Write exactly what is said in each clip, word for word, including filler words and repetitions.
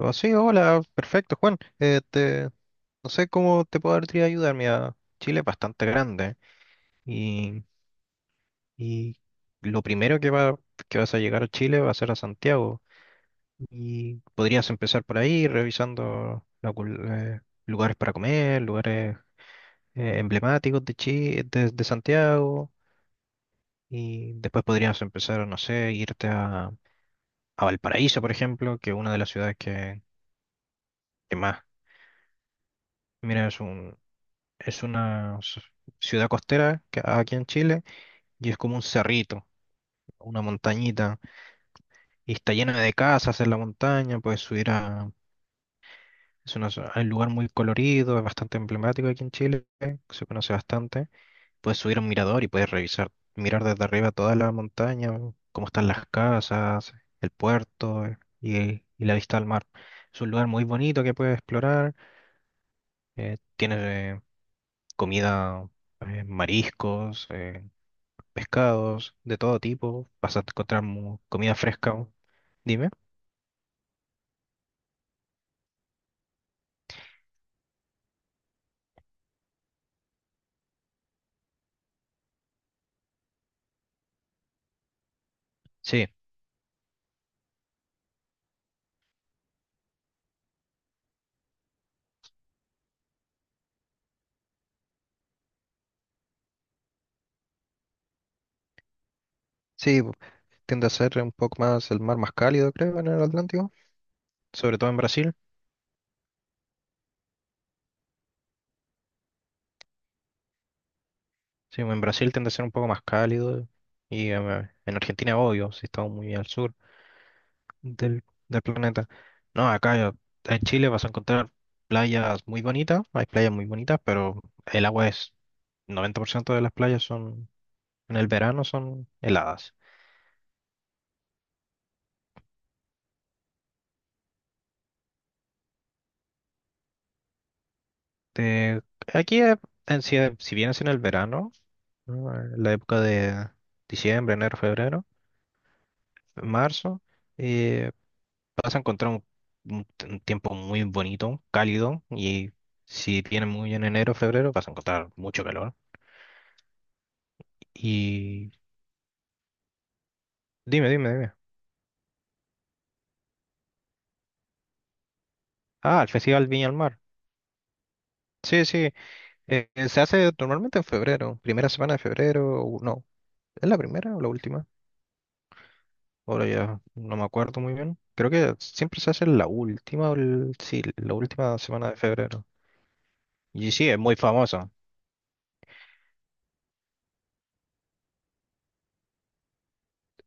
Oh, sí, hola, perfecto, Juan. Eh, te- no sé cómo te podría ayudar. Mira, Chile es bastante grande y, y lo primero que va, que vas a llegar a Chile va a ser a Santiago. Y podrías empezar por ahí, revisando la cul- eh, lugares para comer, lugares eh, emblemáticos de Chile, de, de Santiago. Y después podrías empezar, no sé, irte a, a Valparaíso, por ejemplo, que es una de las ciudades que, que más. Mira, es un, Es una s- ciudad costera que aquí en Chile y es como un cerrito, una montañita. Y está llena de casas en la montaña, puedes subir a... Es una zo- un lugar muy colorido, es bastante emblemático aquí en Chile, que se conoce bastante. Puedes subir a un mirador y puedes revisar, mirar desde arriba toda la montaña, cómo están las casas, el puerto eh, y, y la vista al mar. Es un lugar muy bonito que puedes explorar. Eh, tienes eh, comida, eh, mariscos. Eh, pescados de todo tipo, vas a encontrar mu- comida fresca. ¿No? Dime. Sí, sí, bu- tiende a ser un poco más el mar más cálido, creo, en el Atlántico, sobre todo en Brasil. Sí, en Brasil tiende a ser un poco más cálido y em, eh, en Argentina, obvio, si estamos muy al sur del, del planeta. No, acá en Chile vas a encontrar playas muy bonitas, hay playas muy bonitas, pero el agua es, noventa por ciento de las playas son, en el verano son heladas. Este, aquí, eh, en, si, si bien es en el verano, ¿no? En la época de diciembre, enero, febrero, marzo, eh, vas a encontrar un, un t- un tiempo muy bonito, cálido, y si viene muy en enero, febrero, vas a encontrar mucho calor. Y dime, dime, dime. Ah, el Festival Viña al Mar. Sí, sí, eh, se hace normalmente en febrero, primera semana de febrero, o no, ¿es la primera o la última? Ahora ya no me acuerdo muy bien. Creo que siempre se hace en la última, o el- sí, la última semana de febrero. Y sí, es muy famoso.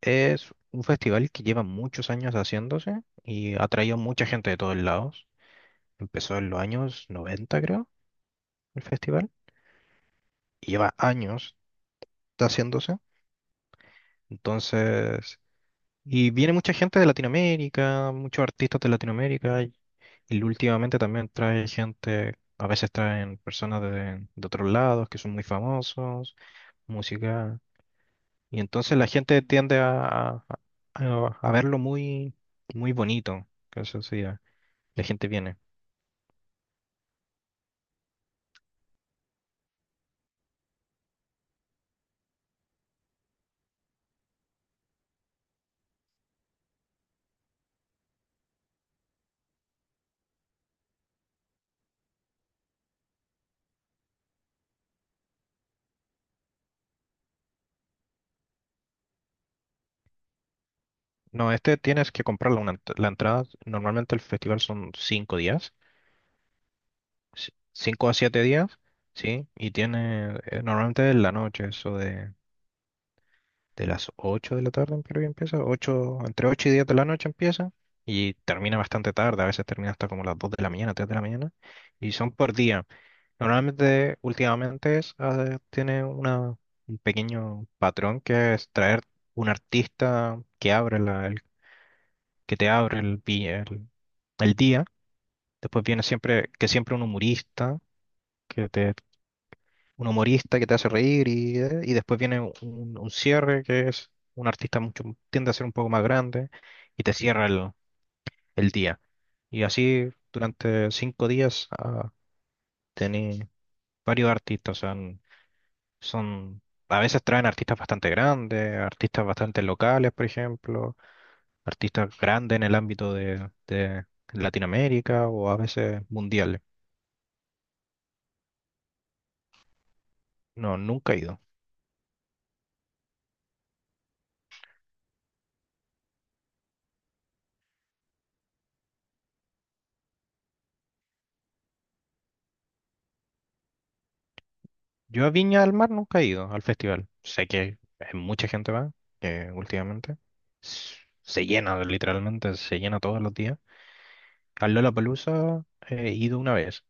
Es un festival que lleva muchos años haciéndose y ha traído mucha gente de todos lados. Empezó en los años noventa creo, el festival. Y lleva años haciéndose. Entonces, Y viene mucha gente de Latinoamérica, muchos artistas de Latinoamérica, y, y últimamente también trae gente, a veces traen personas de, de otros lados que son muy famosos, música. Y entonces la gente tiende a, a, a- a verlo muy, muy bonito, que eso sí, ya, la gente viene. No, este tienes que comprar la, una ent- la entrada, normalmente el festival son cinco días, ci- cinco a siete días, ¿sí? Y tiene, eh, normalmente en la noche, eso de... de las ocho de la tarde en Perú ya empieza, ocho entre ocho y diez de la noche empieza y termina bastante tarde, a veces termina hasta como las dos de la mañana, tres de la mañana y son por día. Normalmente, últimamente es, ah, tiene una, un pequeño patrón que es traer un artista que abre la, el- que te abre el, vi- el, el día. Después viene siempre, que siempre un humorista. Que te Un humorista que te hace reír y, eh, y después viene un, un cierre que es un artista mucho, tiende a ser un poco más grande y te cierra el, el día. Y así durante cinco días ah, tení varios artistas. O sea, n- son, a veces traen artistas bastante grandes, artistas bastante locales, por ejemplo, artistas grandes en el ámbito de, de Latinoamérica o a veces mundiales. No, nunca he ido. Yo a Viña del Mar nunca he ido al festival. Sé que eh, mucha gente va, que últimamente s- se llena, literalmente, se llena todos los días. Al Lollapalooza he ido una vez.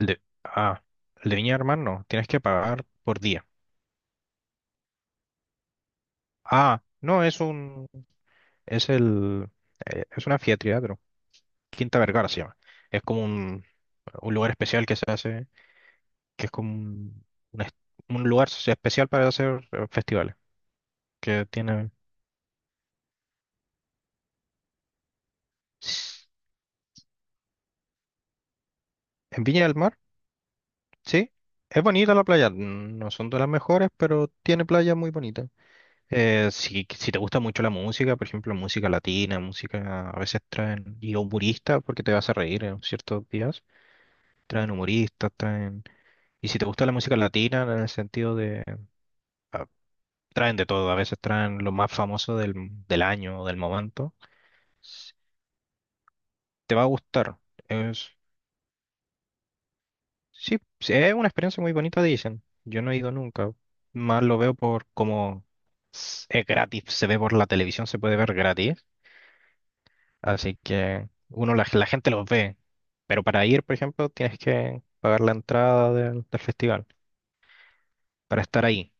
El de, ah, el de Viña del Mar no, tienes que pagar por día. Ah, no, es un, es el, eh, es una anfiteatro, Quinta Vergara se llama. Es como un, un lugar especial que se hace, que es como un, un es- un lugar especial para hacer eh, festivales, que tiene... En Viña del Mar sí, es bonita la playa, no son de las mejores, pero tiene playas muy bonitas. Eh, si, si te gusta mucho la música, por ejemplo, música latina, música a veces traen, y humoristas, porque te vas a reír en ciertos días, traen humoristas, traen... Y si te gusta la música latina, en el sentido de... ah, traen de todo, a veces traen lo más famoso del, del año o del momento, s- te va a gustar. Sí, sí, es una experiencia muy bonita, dicen. Yo no he ido nunca. Más lo veo por como s- es gratis, se ve por la televisión, se puede ver gratis. Así que uno, la, la gente los ve. Pero para ir, por ejemplo, tienes que pagar la entrada del, del festival para estar ahí.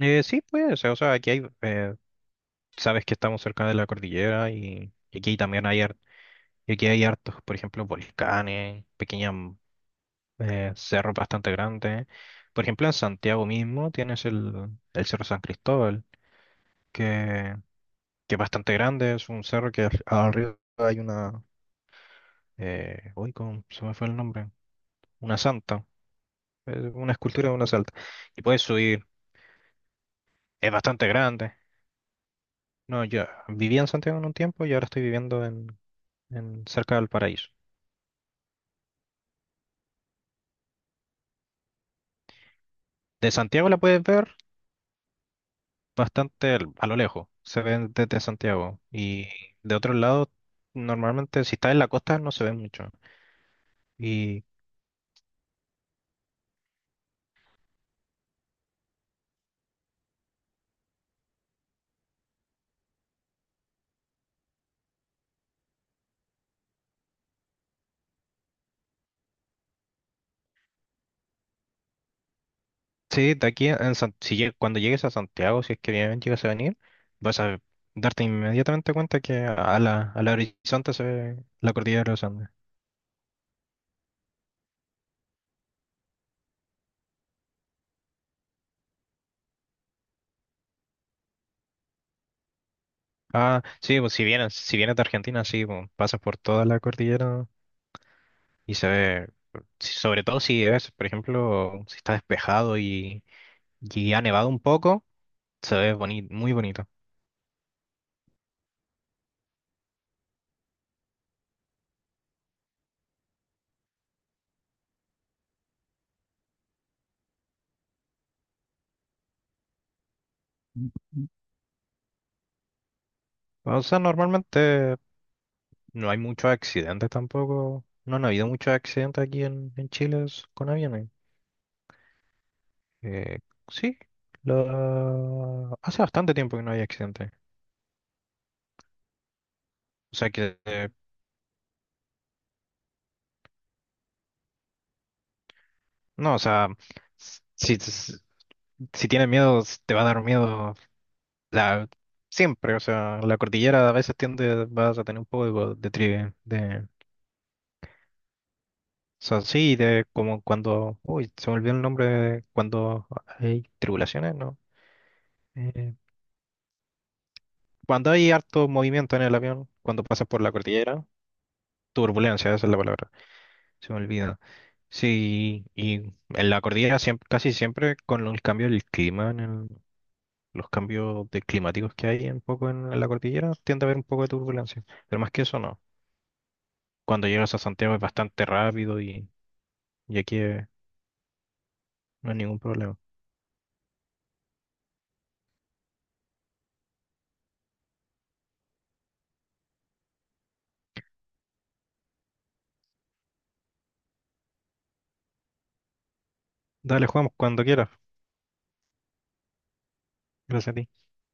Eh, sí, pues, o sea, aquí hay, eh, sabes que estamos cerca de la cordillera y, y aquí también hay, har- y aquí hay hartos, por ejemplo, volcanes, pequeñas eh, cerros bastante grandes. Por ejemplo, en Santiago mismo tienes el, el Cerro San Cristóbal, que, que es bastante grande, es un cerro que al- arriba hay una. Eh, uy, ¿cómo se me fue el nombre? Una santa, eh, una escultura de una santa. Y puedes subir, es bastante grande. No, yo vivía en Santiago en un tiempo y ahora estoy viviendo en, en cerca del Paraíso. De Santiago la puedes ver bastante al- a lo lejos, se ven desde Santiago. Y de otro lado, normalmente si estás en la costa no se ven mucho. Y sí, de aquí en San- si lleg- cuando llegues a Santiago, si es que bien llegas a venir, vas a darte inmediatamente cuenta que a la, a la horizonte se ve la cordillera de los Andes. Ah, sí, pues si vienes, si vienes de Argentina, sí, pues, pasas por toda la cordillera y se ve, si- sobre todo si es, por ejemplo, si está despejado y, y ha nevado un poco, se ve boni- muy bonito. O sea, normalmente no hay muchos accidentes tampoco. No han habido muchos accidentes aquí en, en Chile s- con aviones. Eh, sí, la- hace bastante tiempo que no hay accidentes. O sea que, eh, no, o sea, s- si, s- si tienes miedo, s- te va a dar miedo la, siempre. O sea, la cordillera a veces tiende, vas a tener un poco de, tri- de, o sea, sí, de como cuando, uy, se me olvidó el nombre, de cuando hay tribulaciones, ¿no? Eh, Cuando hay harto movimiento en el avión, cuando pasas por la cordillera, turbulencia, esa es la palabra, se me olvida. Sí, y en la cordillera siempre, casi siempre con el cambio del clima, en el- los cambios de climáticos que hay un poco en, en la cordillera, tiende a haber un poco de turbulencia. Pero más que eso, no. Cuando llegas a Santiago es bastante rápido y, y aquí eh, no hay ningún problema. Dale, jugamos cuando quieras. Gracias a ti.